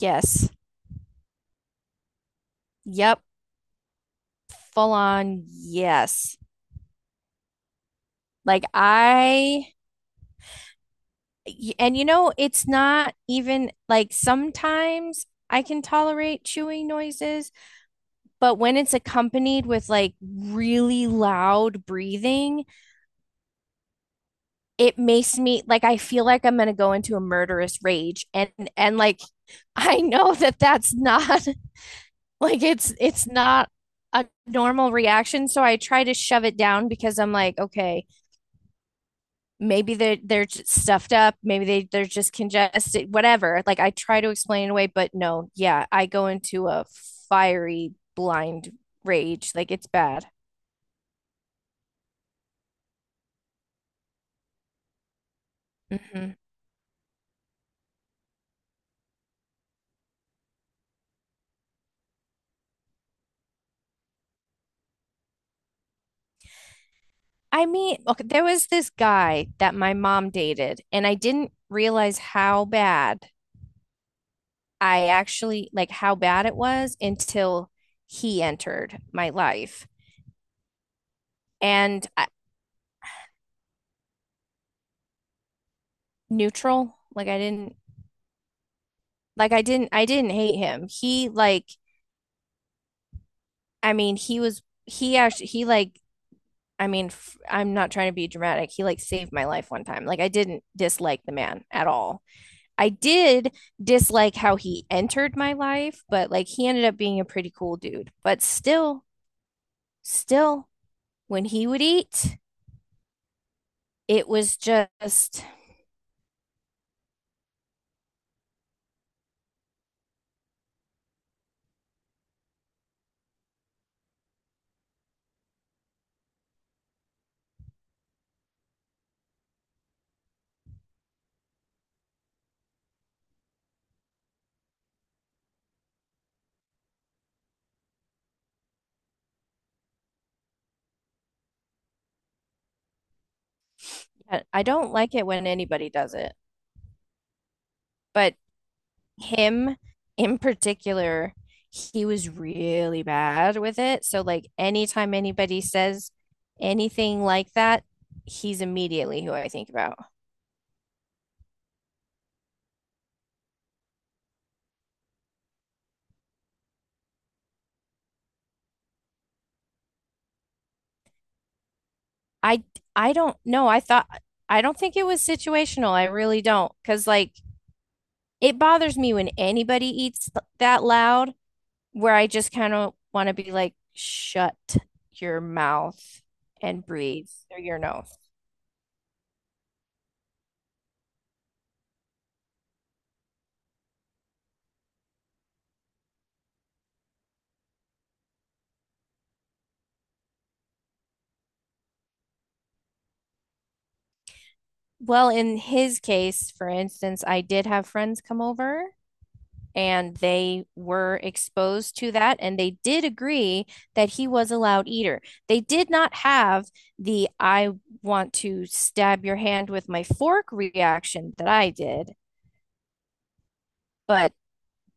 Yes. Yep. Full on. Yes. Like I, y- and you know, It's not even like sometimes I can tolerate chewing noises, but when it's accompanied with like really loud breathing, it makes me like I feel like I'm gonna go into a murderous rage. And like I know that that's not it's not a normal reaction, so I try to shove it down because I'm like, okay. Maybe they're stuffed up, maybe they're just congested, whatever. Like I try to explain it away, but no, yeah, I go into a fiery blind rage. Like it's bad. hmm I mean, okay, there was this guy that my mom dated and I didn't realize how bad I actually, like how bad it was until he entered my life. and I, Neutral. Like I didn't, like I didn't hate him. He like I mean, he was, he actually he like I mean, f I'm not trying to be dramatic. He like saved my life one time. Like I didn't dislike the man at all. I did dislike how he entered my life, but like he ended up being a pretty cool dude. But still, still, when he would eat, it was just... I don't like it when anybody does it. But him in particular, he was really bad with it. So like anytime anybody says anything like that, he's immediately who I think about. I I don't know. I don't think it was situational. I really don't. Because, like, it bothers me when anybody eats that loud, where I just kind of want to be like, shut your mouth and breathe through your nose. Well, in his case, for instance, I did have friends come over and they were exposed to that and they did agree that he was a loud eater. They did not have the I want to stab your hand with my fork reaction that I did, but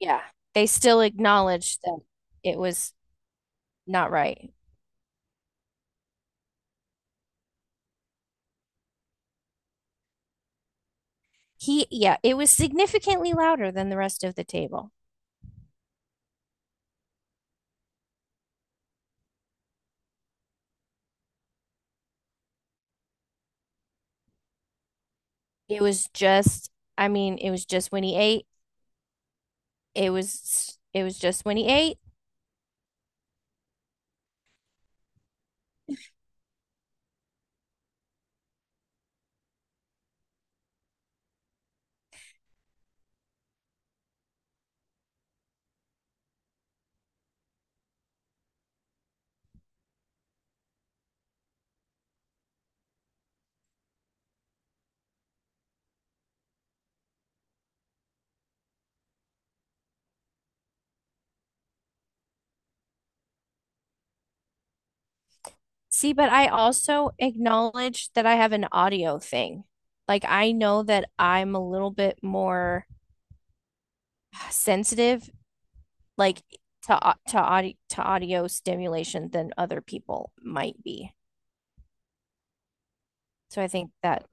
yeah, they still acknowledged that it was not right. He, yeah, it was significantly louder than the rest of the table. It was just, I mean, it was just when he ate. It was just when he ate. See, but I also acknowledge that I have an audio thing. Like I know that I'm a little bit more sensitive, like to audio stimulation than other people might be. So I think that...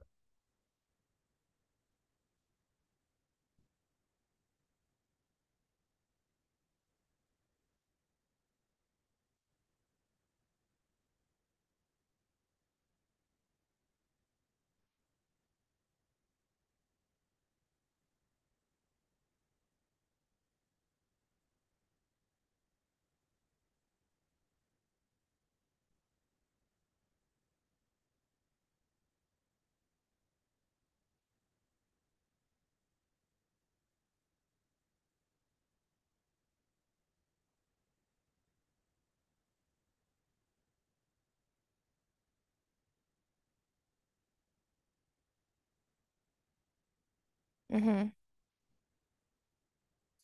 Mm-hmm.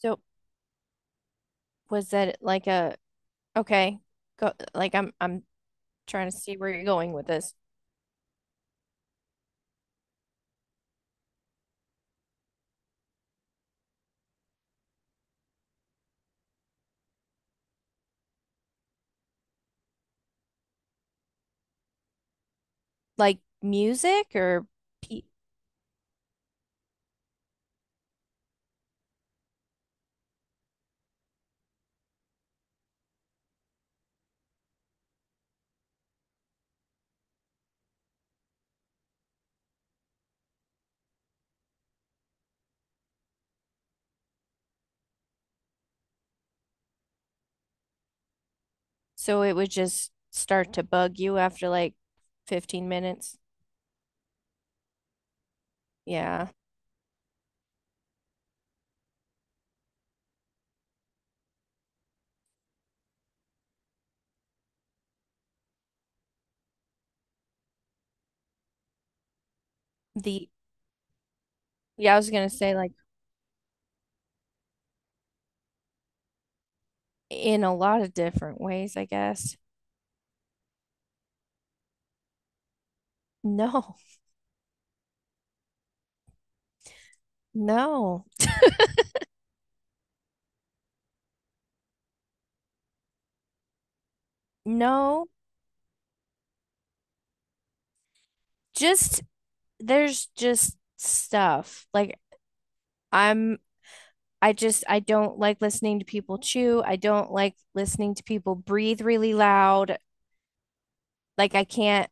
So was that like a, okay, go. Like I'm trying to see where you're going with this. Like music, or pe so it would just start to bug you after like 15 minutes. Yeah. the Yeah, I was gonna say like in a lot of different ways, I guess. No, no, no. Just there's just stuff. Like I'm I just, I don't like listening to people chew. I don't like listening to people breathe really loud. Like I can't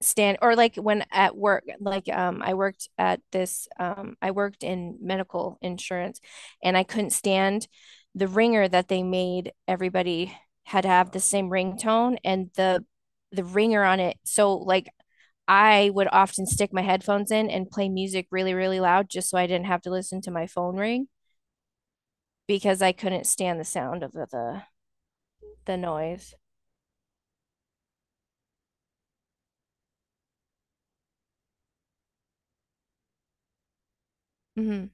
stand, or like when at work, like I worked at this, I worked in medical insurance and I couldn't stand the ringer that they made everybody had to have the same ringtone, and the ringer on it. So like I would often stick my headphones in and play music really really loud just so I didn't have to listen to my phone ring, because I couldn't stand the sound of the noise. Mhm.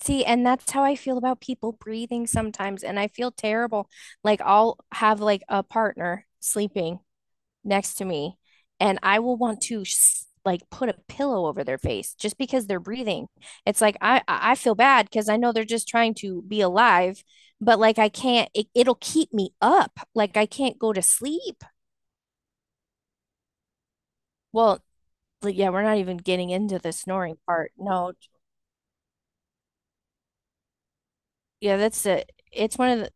See, and that's how I feel about people breathing sometimes. And I feel terrible. Like I'll have like a partner sleeping next to me, and I will want to like put a pillow over their face just because they're breathing. It's like I I feel bad because I know they're just trying to be alive, but like I can't. It'll keep me up. Like I can't go to sleep. Well, like, yeah, we're not even getting into the snoring part. No, yeah, that's it. It's one of the,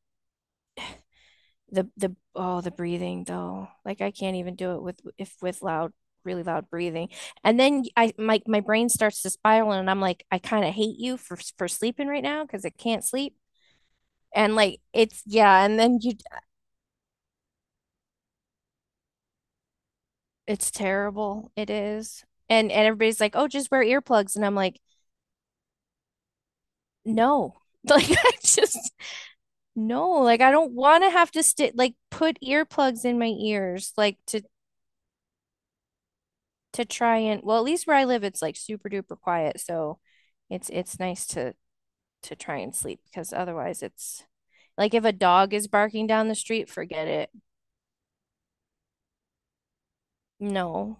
the oh, the breathing, though. Like I can't even do it with, if with loud, really loud breathing, and then I, my brain starts to spiral and I'm like, I kind of hate you for sleeping right now because I can't sleep. And like it's, yeah, and then you, it's terrible, it is. And everybody's like, oh, just wear earplugs, and I'm like, no. Like I just no, like I don't want to have to stick, like put earplugs in my ears, like to try and, well, at least where I live, it's like super duper quiet, so it's nice to try and sleep because otherwise it's like if a dog is barking down the street, forget it. No.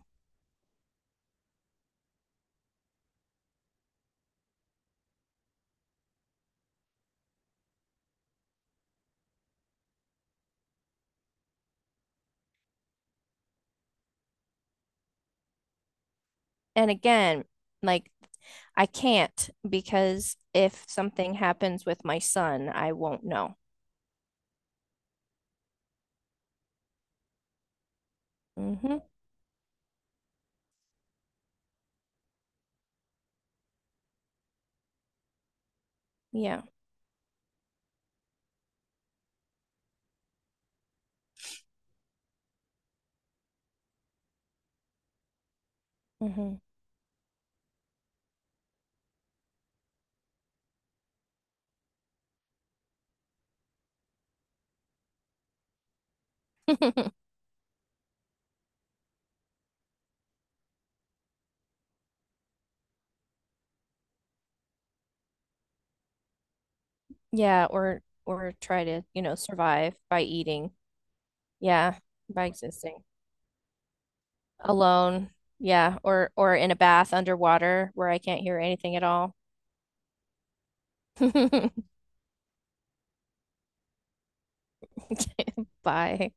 And again, like I can't, because if something happens with my son, I won't know. Hmm. Yeah. Hmm. Yeah, or try to, you know, survive by eating. Yeah, by existing. Alone, yeah, or in a bath underwater where I can't hear anything at all. Bye.